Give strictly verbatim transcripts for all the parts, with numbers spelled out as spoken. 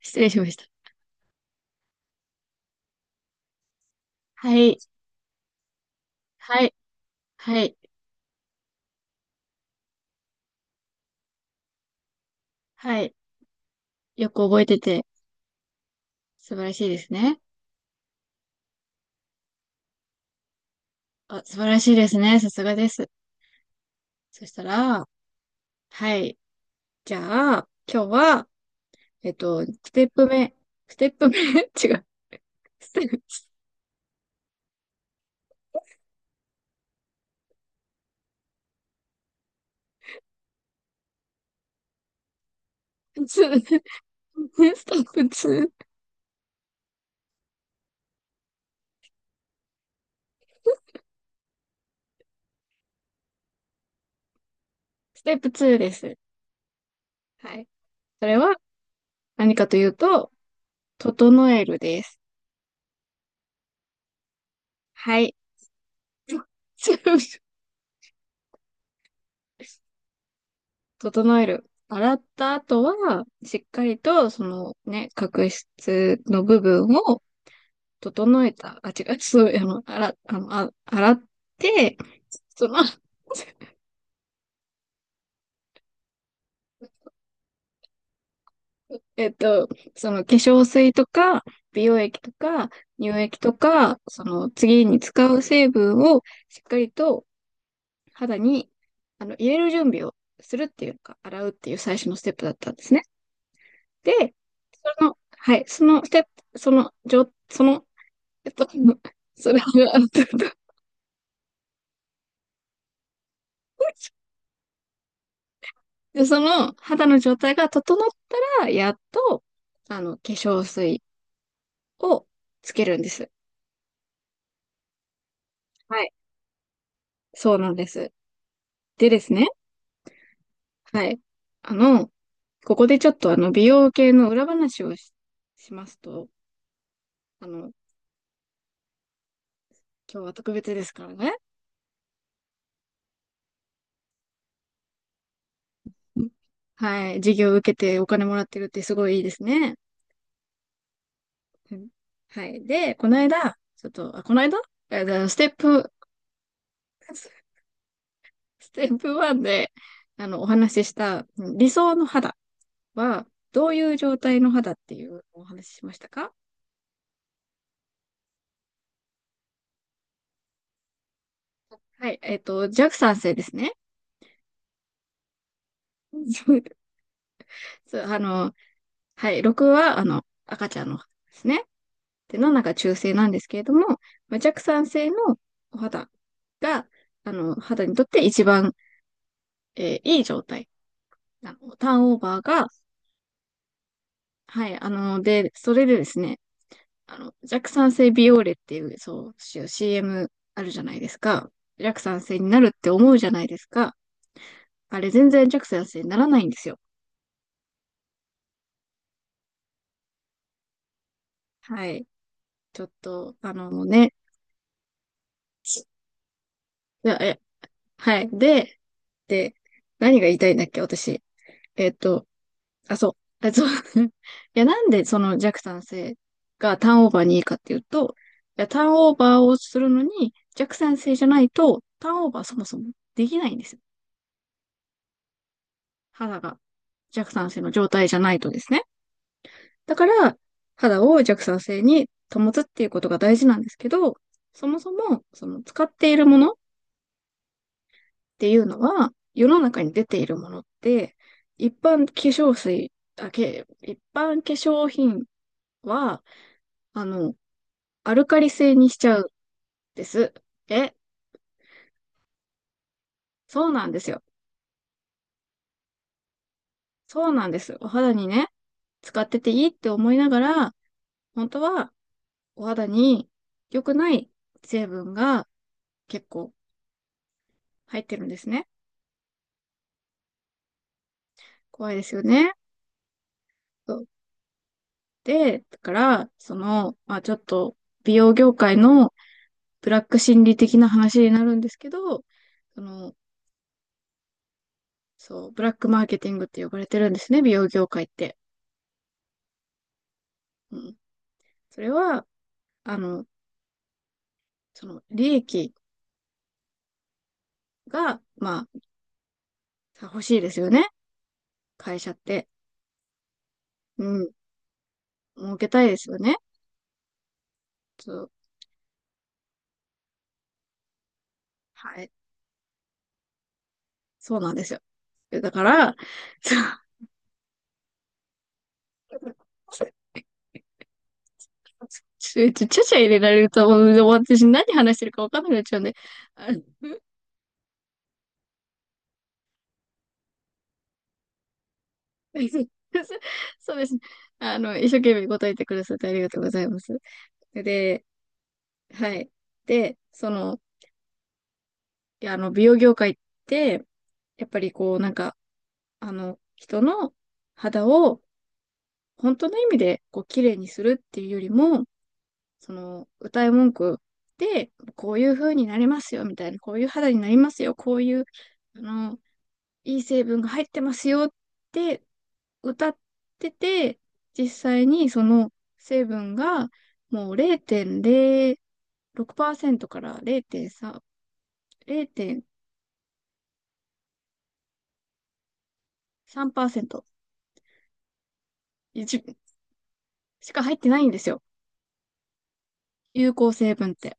失礼しました。はい、はい、はい、はい。よく覚えてて、素晴らしいですね。あ、素晴らしいですね。さすがです。そしたら、はい。じゃあ、今日は、えっと、ステップ目、ステップ目 違う。ステップツー、ステップに、ステップツーです。はい。それは何かというと、整えるです。はい。整える。洗った後は、しっかりと、そのね、角質の部分を整えた。あ、違う、そう、あの、洗、あの、あ、洗って、その、えっと、その化粧水とか、美容液とか、乳液とか、その次に使う成分をしっかりと肌に、あの、入れる準備をするっていうか、洗うっていう最初のステップだったんですね。で、その、はい、そのステップ、その、じょ、そのえっと、それは、あので、その肌の状態が整ったら、やっと、あの、化粧水をつけるんです。はい。そうなんです。でですね、はい。あの、ここでちょっとあの、美容系の裏話をし、しますと、あの、今日は特別ですからね。うん。はい。授業を受けてお金もらってるってすごいいいですね。うん。はい。で、この間、ちょっと、あ、この間えーステップ、ステップワンで、あの、お話しした理想の肌は、どういう状態の肌っていうお話ししましたか？はい、えっと、弱酸性ですね。そう、あの、はい、ろくは、あの、赤ちゃんの肌ですね。で、しちが中性なんですけれども、まあ、弱酸性のお肌が、あの、肌にとって一番、えーいい状態。あの、ターンオーバーが、はい、あの、で、それでですね、あの、弱酸性ビオーレっていう、そう、シーエム あるじゃないですか。弱酸性になるって思うじゃないですか。あれ全然弱酸性にならないんですよ。はい。ちょっと、あの、もうね、いやえ、はい。で、で、何が言いたいんだっけ、私。えっと、あ、そう。あ、そう。いや、なんでその弱酸性がターンオーバーにいいかっていうと、いや、ターンオーバーをするのに弱酸性じゃないと、ターンオーバーそもそもできないんですよ。肌が。弱酸性の状態じゃないとですね。だから、肌を弱酸性に保つっていうことが大事なんですけど、そもそも、その使っているものっていうのは、世の中に出ているものって、一般化粧水、あ、け、一般化粧品は、あの、アルカリ性にしちゃうんです。え、そうなんですよ。そうなんです。お肌にね、使ってていいって思いながら、本当はお肌に良くない成分が結構入ってるんですね。怖いですよね。そうで、だから、その、まあちょっと美容業界のブラック心理的な話になるんですけど、その、そう、ブラックマーケティングって呼ばれてるんですね、美容業界って。うん。それは、あの、その、利益が、まあ、欲しいですよね。会社って。うん。儲けたいですよね。そう。はい。そうなんですよ。だから、そうちょ、ちょ、ちゃちゃ入れられると、もう私何話してるか分かんなくなっちゃうんで。あの そうですね。あの、一生懸命答えてくださってありがとうございます。で、はい。で、その、いや、あの、美容業界って、やっぱりこう、なんか、あの、人の肌を本当の意味で、こう、綺麗にするっていうよりも、その、歌い文句で、こういう風になりますよ、みたいな、こういう肌になりますよ、こういう、あの、いい成分が入ってますよって歌ってて、実際にその成分がもうれいてんれいろくパーセントかられいてんさん、れいてんさんパーセント一部しか入ってないんですよ。有効成分って。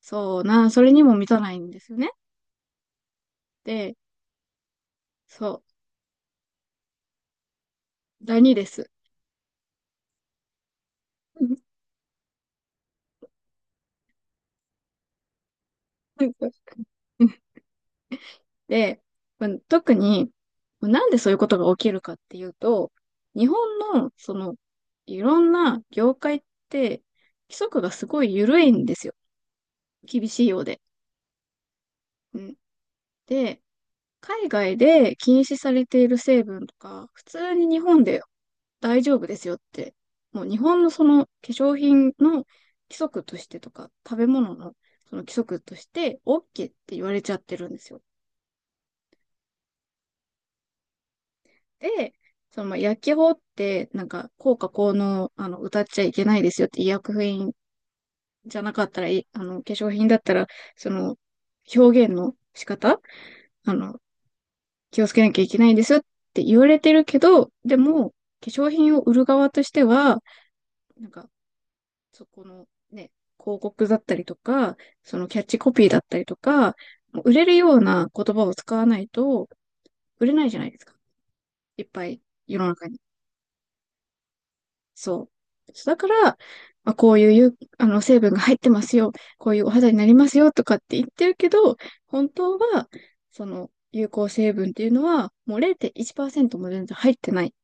そうな、それにも満たないんですよね。で、そう、ダニです。で、まあ特に、なんでそういうことが起きるかっていうと、日本の、その、いろんな業界って、規則がすごい緩いんですよ。厳しいようで。うん。で、海外で禁止されている成分とか、普通に日本で大丈夫ですよって、もう日本のその化粧品の規則としてとか、食べ物のその規則として OK って言われちゃってるんですよ。で、その、まあ、薬機法って、なんか、効果効能、あの、歌っちゃいけないですよって、医薬品じゃなかったら、いあの、化粧品だったら、その、表現の仕方、あの、気をつけなきゃいけないんですよって言われてるけど、でも、化粧品を売る側としては、なんか、そこのね、広告だったりとか、そのキャッチコピーだったりとか、売れるような言葉を使わないと、売れないじゃないですか。いっぱい世の中に。そう。そうだから、まあ、こういう有あの成分が入ってますよ。こういうお肌になりますよとかって言ってるけど、本当は、その有効成分っていうのは、もうれいてんいちパーセントも全然入ってない。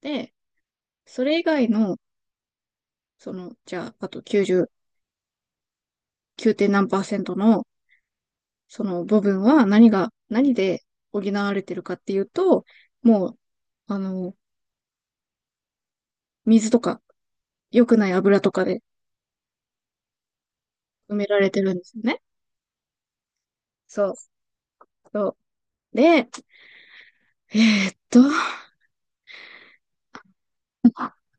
で、それ以外の、その、じゃあ、あときゅうじゅうきゅうてんなんパーセント何パーセントの、その部分は何が、何で補われてるかっていうと、もう、あの、水とか、良くない油とかで埋められてるんですよね。そう。そう。で、えーっと、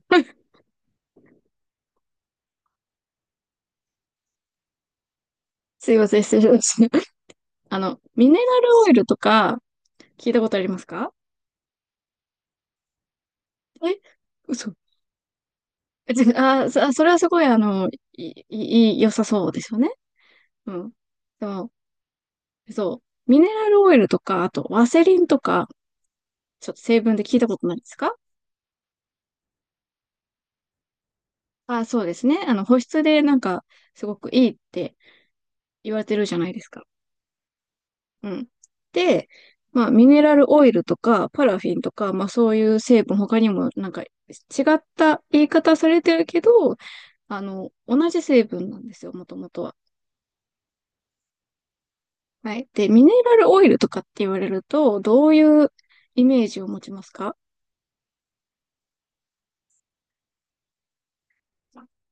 すいません、失礼しました。あの、ミネラルオイルとか、聞いたことありますか？え、嘘。え違あ、そそれはすごい、あの、い、い、い良さそうですよね。うん。でも、そう。ミネラルオイルとか、あと、ワセリンとか、ちょっと成分で聞いたことないですか？あ、そうですね。あの、保湿でなんか、すごくいいって言われてるじゃないですか。うん。で、まあ、ミネラルオイルとか、パラフィンとか、まあ、そういう成分、他にも、なんか、違った言い方されてるけど、あの、同じ成分なんですよ、もともとは。はい。で、ミネラルオイルとかって言われると、どういうイメージを持ちますか？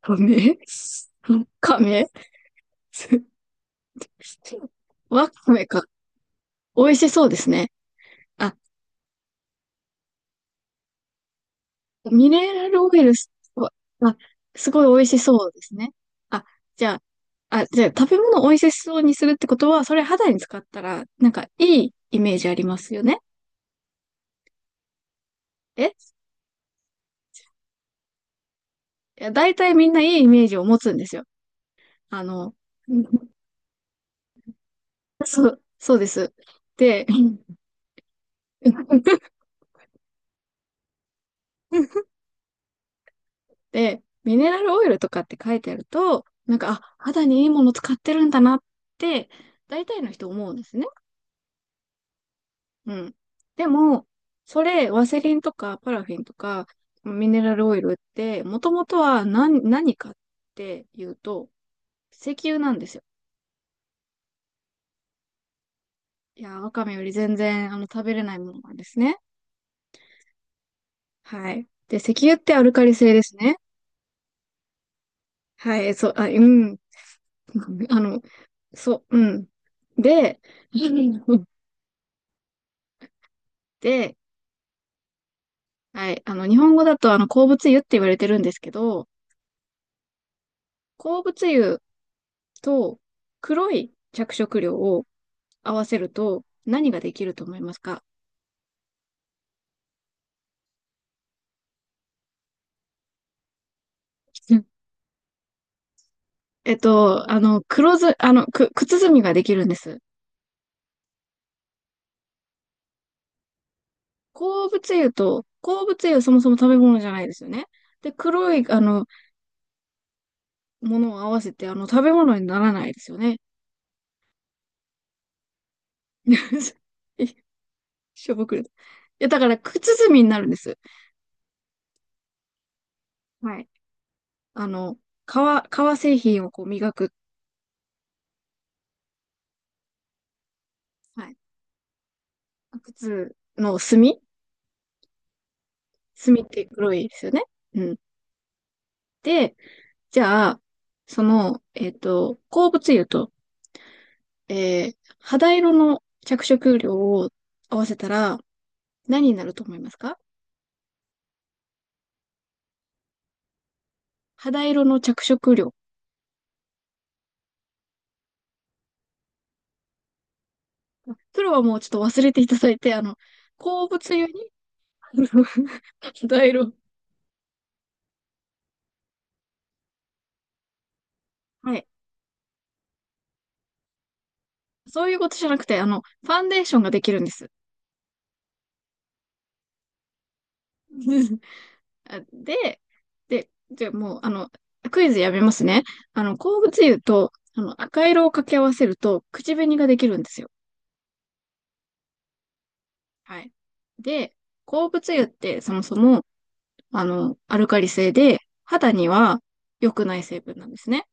カメカメ わかめか。美味しそうですね。あ、ミネラルオイルす、まあ、すごい美味しそうですね。あ、じゃあ、あ、じゃあ食べ物を美味しそうにするってことは、それ肌に使ったら、なんかいいイメージありますよね。えいや、大体みんないいイメージを持つんですよ。あの、うん。そう、そうです。で、で、ミネラルオイルとかって書いてあると、なんか、あ、肌にいいもの使ってるんだなって、大体の人思うんですね。うん。でも、それ、ワセリンとかパラフィンとか、ミネラルオイルって、もともとは何、何かっていうと、石油なんですよ。いやー、ワカメより全然、あの、食べれないものなんですね。はい。で、石油ってアルカリ性ですね。はい、そう、あ、うん。あの、そう、うん。で、で、はい、あの、日本語だと、あの、鉱物油って言われてるんですけど、鉱物油と黒い着色料を合わせると何ができると思いますか？うん。えっと、あの、黒ず、あの、く、靴墨みができるんです。鉱物油と、鉱物油はそもそも食べ物じゃないですよね。で、黒い、あの、ものを合わせて、あの、食べ物にならないですよね。えしょぼくれた。いや、だから、靴墨みになるんです。はい。あの、革、革製品をこう磨く。はい。靴の墨。墨って黒いですよね。うん。で、じゃあ、その、えっと、鉱物油と、えー、肌色の着色料を合わせたら何になると思いますか？肌色の着色料。それはもうちょっと忘れていただいて、あの、鉱物油に 肌色。はい。そういうことじゃなくて、あの、ファンデーションができるんです。あで、で、じゃあもう、あの、クイズやめますね。あの、鉱物油と、あの、赤色を掛け合わせると、口紅ができるんですよ。はい。で、鉱物油ってそもそも、あの、アルカリ性で、肌には良くない成分なんですね。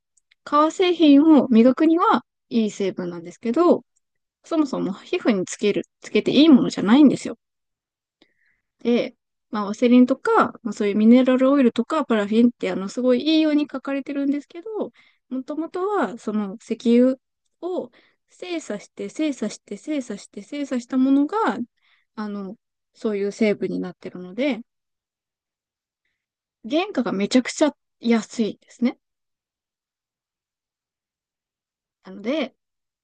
革製品を磨くにはいい成分なんですけど、そもそも皮膚につける、つけていいものじゃないんですよ。で、まあ、ワセリンとか、まあ、そういうミネラルオイルとか、パラフィンって、あの、すごいいいように書かれてるんですけど、もともとは、その石油を精査して、精査して、精査して、精査したものが、あの、そういう成分になってるので、原価がめちゃくちゃ安いんですね。なので、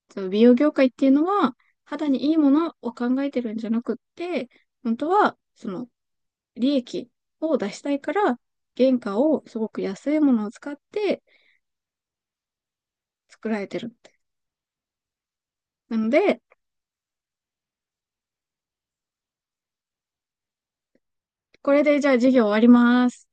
その美容業界っていうのは、肌にいいものを考えてるんじゃなくって、本当は、その利益を出したいから、原価をすごく安いものを使って作られてる。なので、これでじゃあ事業終わります。